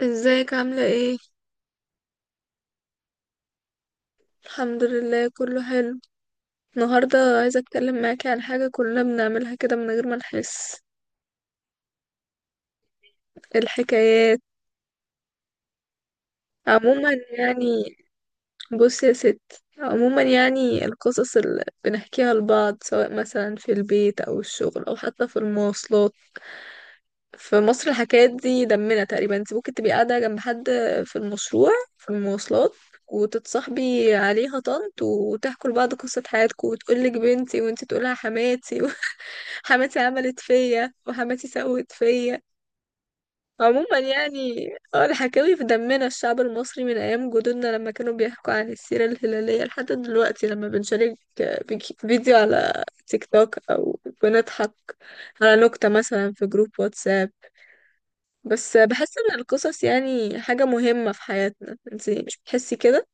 ازيك عاملة ايه؟ الحمد لله كله حلو. النهاردة عايزة اتكلم معاكي عن حاجة كلنا بنعملها كده من غير ما نحس. الحكايات عموما يعني. بص يا ست، عموما يعني القصص اللي بنحكيها لبعض سواء مثلا في البيت او الشغل او حتى في المواصلات. في مصر الحكايات دي دمنا تقريبا، انت ممكن تبقي قاعدة جنب حد في المشروع، في المواصلات، وتتصاحبي عليها طنط وتحكوا لبعض قصة حياتكم وتقولك بنتي وانت تقولها حماتي حماتي عملت فيا وحماتي سوت فيا. عموما يعني اه، الحكاوي في دمنا، الشعب المصري من ايام جدودنا لما كانوا بيحكوا عن السيرة الهلالية لحد دلوقتي لما بنشارك فيديو على تيك توك او بنضحك على نكتة مثلا في جروب واتساب. بس بحس ان القصص يعني حاجة مهمة في حياتنا، انتي مش بتحسي كده؟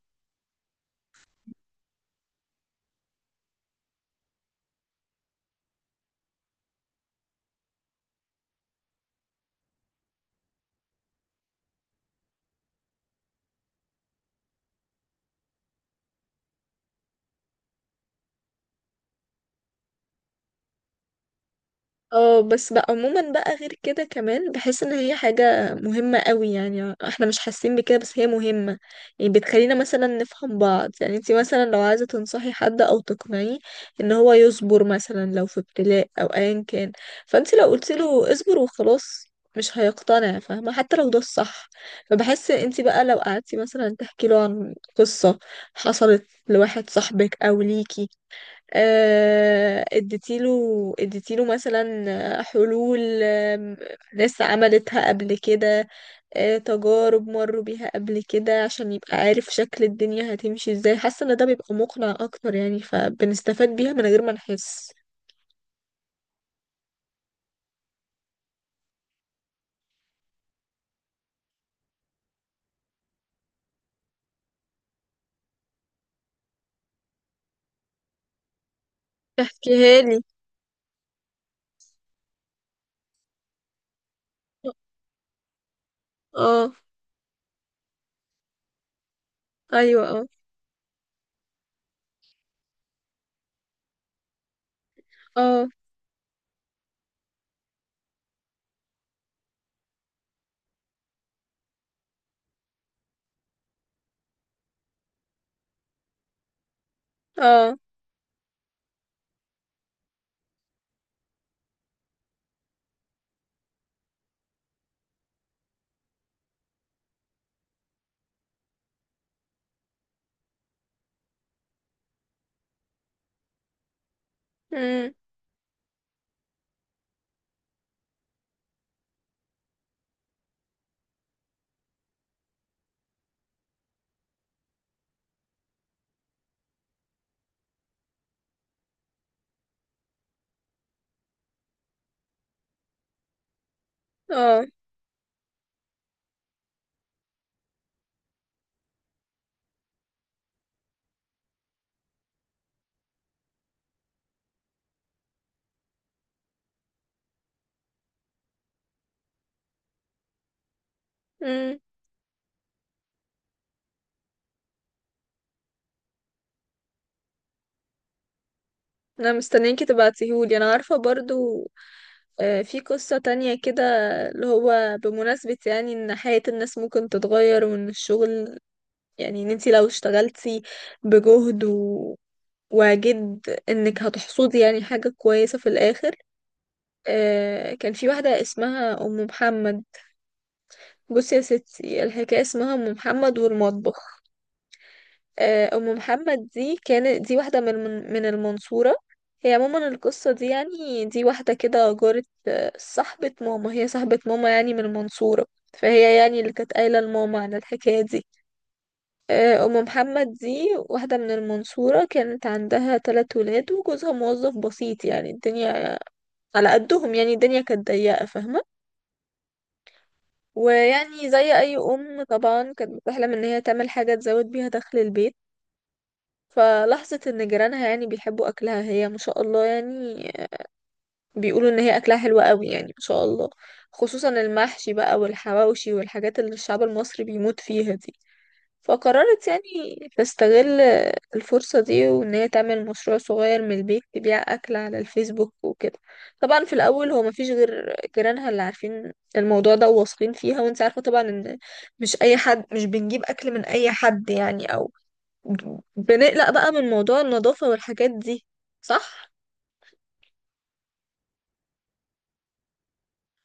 اه بس بقى، عموما بقى غير كده كمان بحس ان هي حاجة مهمة قوي، يعني احنا مش حاسين بكده بس هي مهمة. يعني بتخلينا مثلا نفهم بعض، يعني انتي مثلا لو عايزة تنصحي حد او تقنعيه ان هو يصبر مثلا لو في ابتلاء او ايا كان، فانتي لو قلتي له اصبر وخلاص مش هيقتنع فاهمة، حتى لو ده الصح. فبحس انتي بقى لو قعدتي مثلا تحكي له عن قصة حصلت لواحد صاحبك او ليكي، اديتيله اديتيله مثلا، حلول، ناس عملتها قبل كده، تجارب مروا بيها قبل كده، عشان يبقى عارف شكل الدنيا هتمشي ازاي، حاسة ان ده بيبقى مقنع اكتر يعني، فبنستفاد بيها من غير ما نحس. احكيها لي. اه. ايوه اه. اه. اه. امم. اه. مم. انا مستنياكي تبعتيهولي. انا عارفة برضو في قصة تانية كده اللي هو بمناسبة يعني ان حياة الناس ممكن تتغير، وان الشغل يعني ان انتي لو اشتغلتي بجهد وجد، انك هتحصدي يعني حاجة كويسة في الاخر. كان في واحدة اسمها ام محمد. بصي يا ستي، الحكاية اسمها ام محمد والمطبخ. أم محمد دي كانت دي واحدة من من المنصورة. هي عموما القصة دي، يعني دي واحدة كده جارة، صاحبة ماما، هي صاحبة ماما يعني من المنصورة، فهي يعني اللي كانت قايلة لماما عن الحكاية دي. أم محمد دي واحدة من المنصورة، كانت عندها تلات ولاد وجوزها موظف بسيط، يعني الدنيا على قدهم، يعني الدنيا كانت ضيقة فاهمة. ويعني زي أي أم طبعا كانت بتحلم إن هي تعمل حاجة تزود بيها دخل البيت. فلاحظت ان جيرانها يعني بيحبوا اكلها، هي ما شاء الله يعني بيقولوا ان هي اكلها حلو قوي، يعني ما شاء الله، خصوصا المحشي بقى والحواوشي والحاجات اللي الشعب المصري بيموت فيها دي. فقررت يعني تستغل الفرصة دي، وان هي تعمل مشروع صغير من البيت تبيع اكل على الفيسبوك وكده. طبعا في الاول هو ما فيش غير جيرانها اللي عارفين الموضوع ده وواثقين فيها، وانت عارفة طبعا ان مش اي حد، مش بنجيب اكل من اي حد يعني، او بنقلق بقى من موضوع النظافة والحاجات دي، صح؟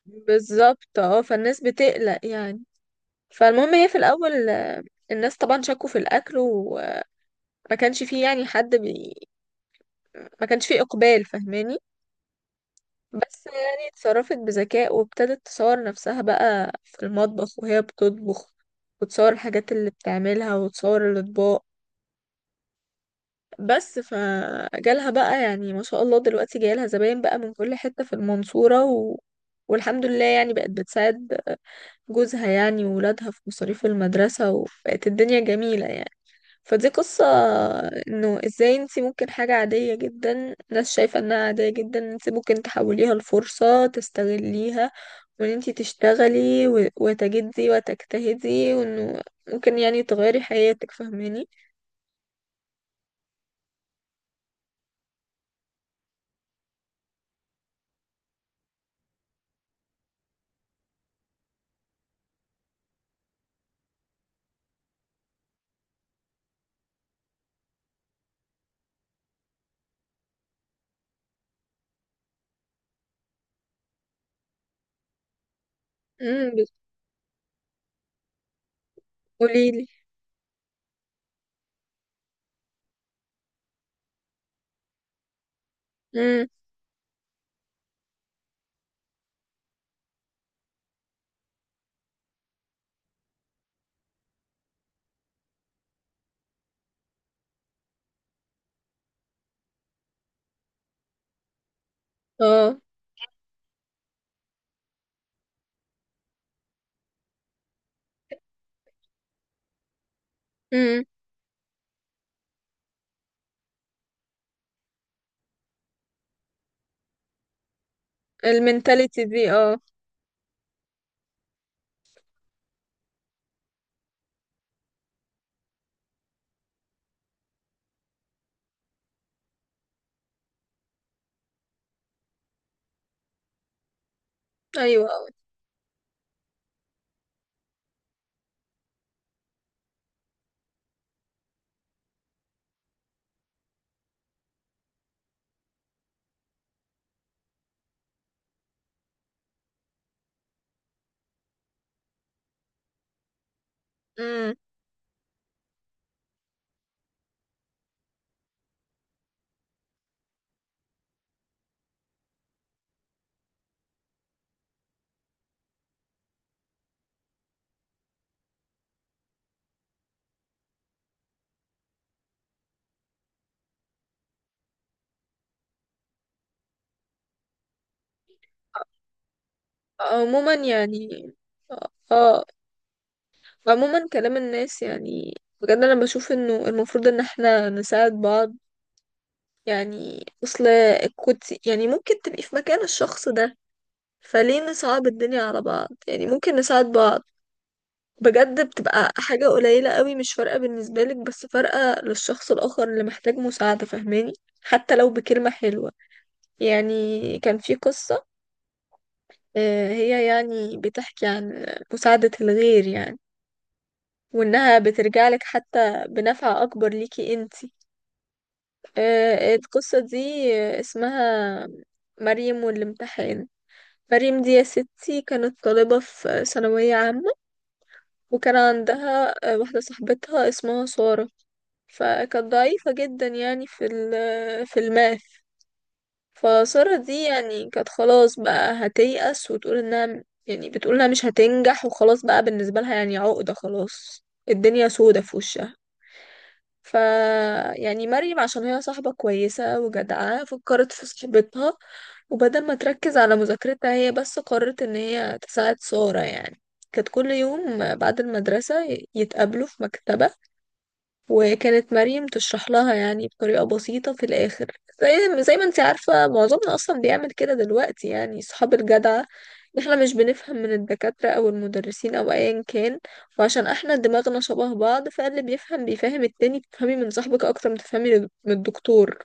بالظبط اه، فالناس بتقلق يعني. فالمهم هي في الأول الناس طبعا شكوا في الأكل، وما كانش فيه يعني حد بي... ما كانش فيه إقبال فاهماني. بس يعني اتصرفت بذكاء وابتدت تصور نفسها بقى في المطبخ وهي بتطبخ، وتصور الحاجات اللي بتعملها وتصور الأطباق. بس فجالها بقى يعني ما شاء الله دلوقتي جايلها زباين بقى من كل حتة في المنصورة والحمد لله يعني بقت بتساعد جوزها يعني وولادها في مصاريف المدرسة، وبقت الدنيا جميلة يعني. فدي قصة انه ازاي انتي ممكن حاجة عادية جدا، ناس شايفة انها عادية جدا، انتي ممكن تحوليها لفرصة تستغليها، وان انتي تشتغلي وتجدي وتجتهدي، وانه ممكن يعني تغيري حياتك فاهماني. امم. قوليلي. امم. اه. امم. المينتاليتي دي اه. ايوه. امم. عموما يعني اه. عموما كلام الناس يعني، بجد انا بشوف انه المفروض ان احنا نساعد بعض، يعني اصل كنت يعني ممكن تبقي في مكان الشخص ده، فليه نصعب الدنيا على بعض؟ يعني ممكن نساعد بعض، بجد بتبقى حاجة قليلة قوي مش فارقة بالنسبة لك بس فارقة للشخص الآخر اللي محتاج مساعدة فاهماني، حتى لو بكلمة حلوة. يعني كان في قصة هي يعني بتحكي عن مساعدة الغير يعني، وإنها بترجعلك حتى بنفع أكبر ليكي انتي. القصة دي اسمها مريم والامتحان. مريم دي يا ستي كانت طالبة في ثانوية عامة، وكان عندها واحدة صاحبتها اسمها سارة، فكانت ضعيفة جدا يعني في في الماث. فسارة دي يعني كانت خلاص بقى هتيأس وتقول انها، يعني بتقول انها مش هتنجح وخلاص بقى، بالنسبة لها يعني عقدة، خلاص الدنيا سودة في وشها. ف يعني مريم عشان هي صاحبة كويسة وجدعة، فكرت في صاحبتها وبدل ما تركز على مذاكرتها هي بس، قررت ان هي تساعد سارة يعني. كانت كل يوم بعد المدرسة يتقابلوا في مكتبة، وكانت مريم تشرح لها يعني بطريقة بسيطة. في الآخر زي ما انت عارفة معظمنا أصلا بيعمل كده دلوقتي، يعني صحاب الجدعة، احنا مش بنفهم من الدكاترة أو المدرسين أو أيا كان، وعشان احنا دماغنا شبه بعض فاللي بيفهم بيفهم التاني، بتفهمي من صاحبك أكتر ما تفهمي من الدكتور.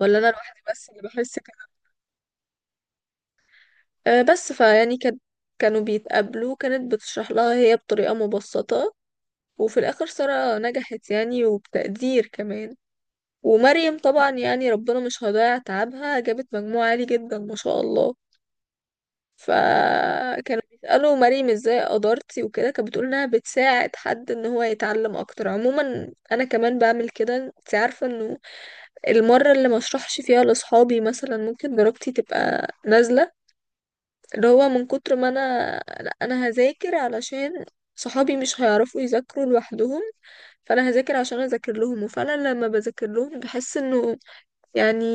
ولا أنا لوحدي بس اللي بحس كده؟ أه بس فيعني كان، كانوا بيتقابلوا كانت بتشرح لها هي بطريقة مبسطة، وفي الآخر سارة نجحت يعني وبتقدير كمان، ومريم طبعا يعني ربنا مش هيضيع تعبها، جابت مجموع عالي جدا ما شاء الله. فكانوا بيسألوا مريم ازاي قدرتي وكده، كانت بتقول انها بتساعد حد ان هو يتعلم اكتر. عموما انا كمان بعمل كده، انت عارفة انه المرة اللي ما اشرحش فيها لاصحابي مثلا ممكن درجتي تبقى نازلة، اللي هو من كتر ما انا هذاكر علشان صحابي مش هيعرفوا يذاكروا لوحدهم، فانا هذاكر عشان اذاكر لهم. وفعلا لما بذاكر لهم بحس انه يعني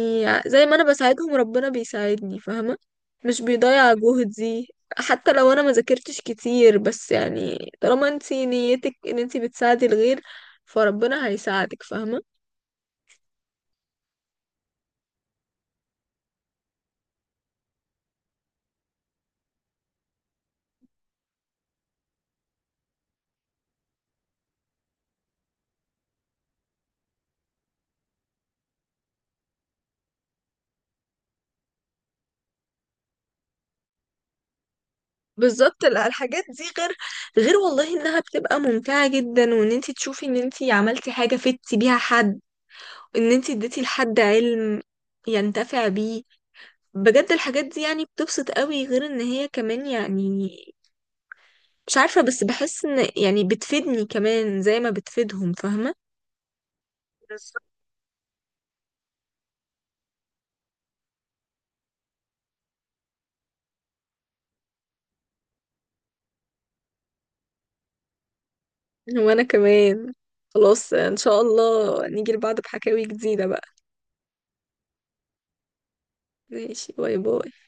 زي ما انا بساعدهم ربنا بيساعدني فاهمة، مش بيضيع جهدي. حتى لو انا ما ذاكرتش كتير، بس يعني طالما انتي نيتك ان انتي بتساعدي الغير فربنا هيساعدك فاهمة. بالظبط. لا، الحاجات دي غير، غير والله انها بتبقى ممتعة جدا، وان انتي تشوفي ان انتي عملتي حاجة فدتي بيها حد، ان انتي اديتي لحد علم ينتفع بيه، بجد الحاجات دي يعني بتبسط قوي. غير ان هي كمان يعني مش عارفة، بس بحس ان يعني بتفيدني كمان زي ما بتفيدهم فاهمة. بالظبط. وانا كمان. خلاص ان شاء الله نيجي لبعض بحكاوي جديدة بقى. ماشي، باي باي.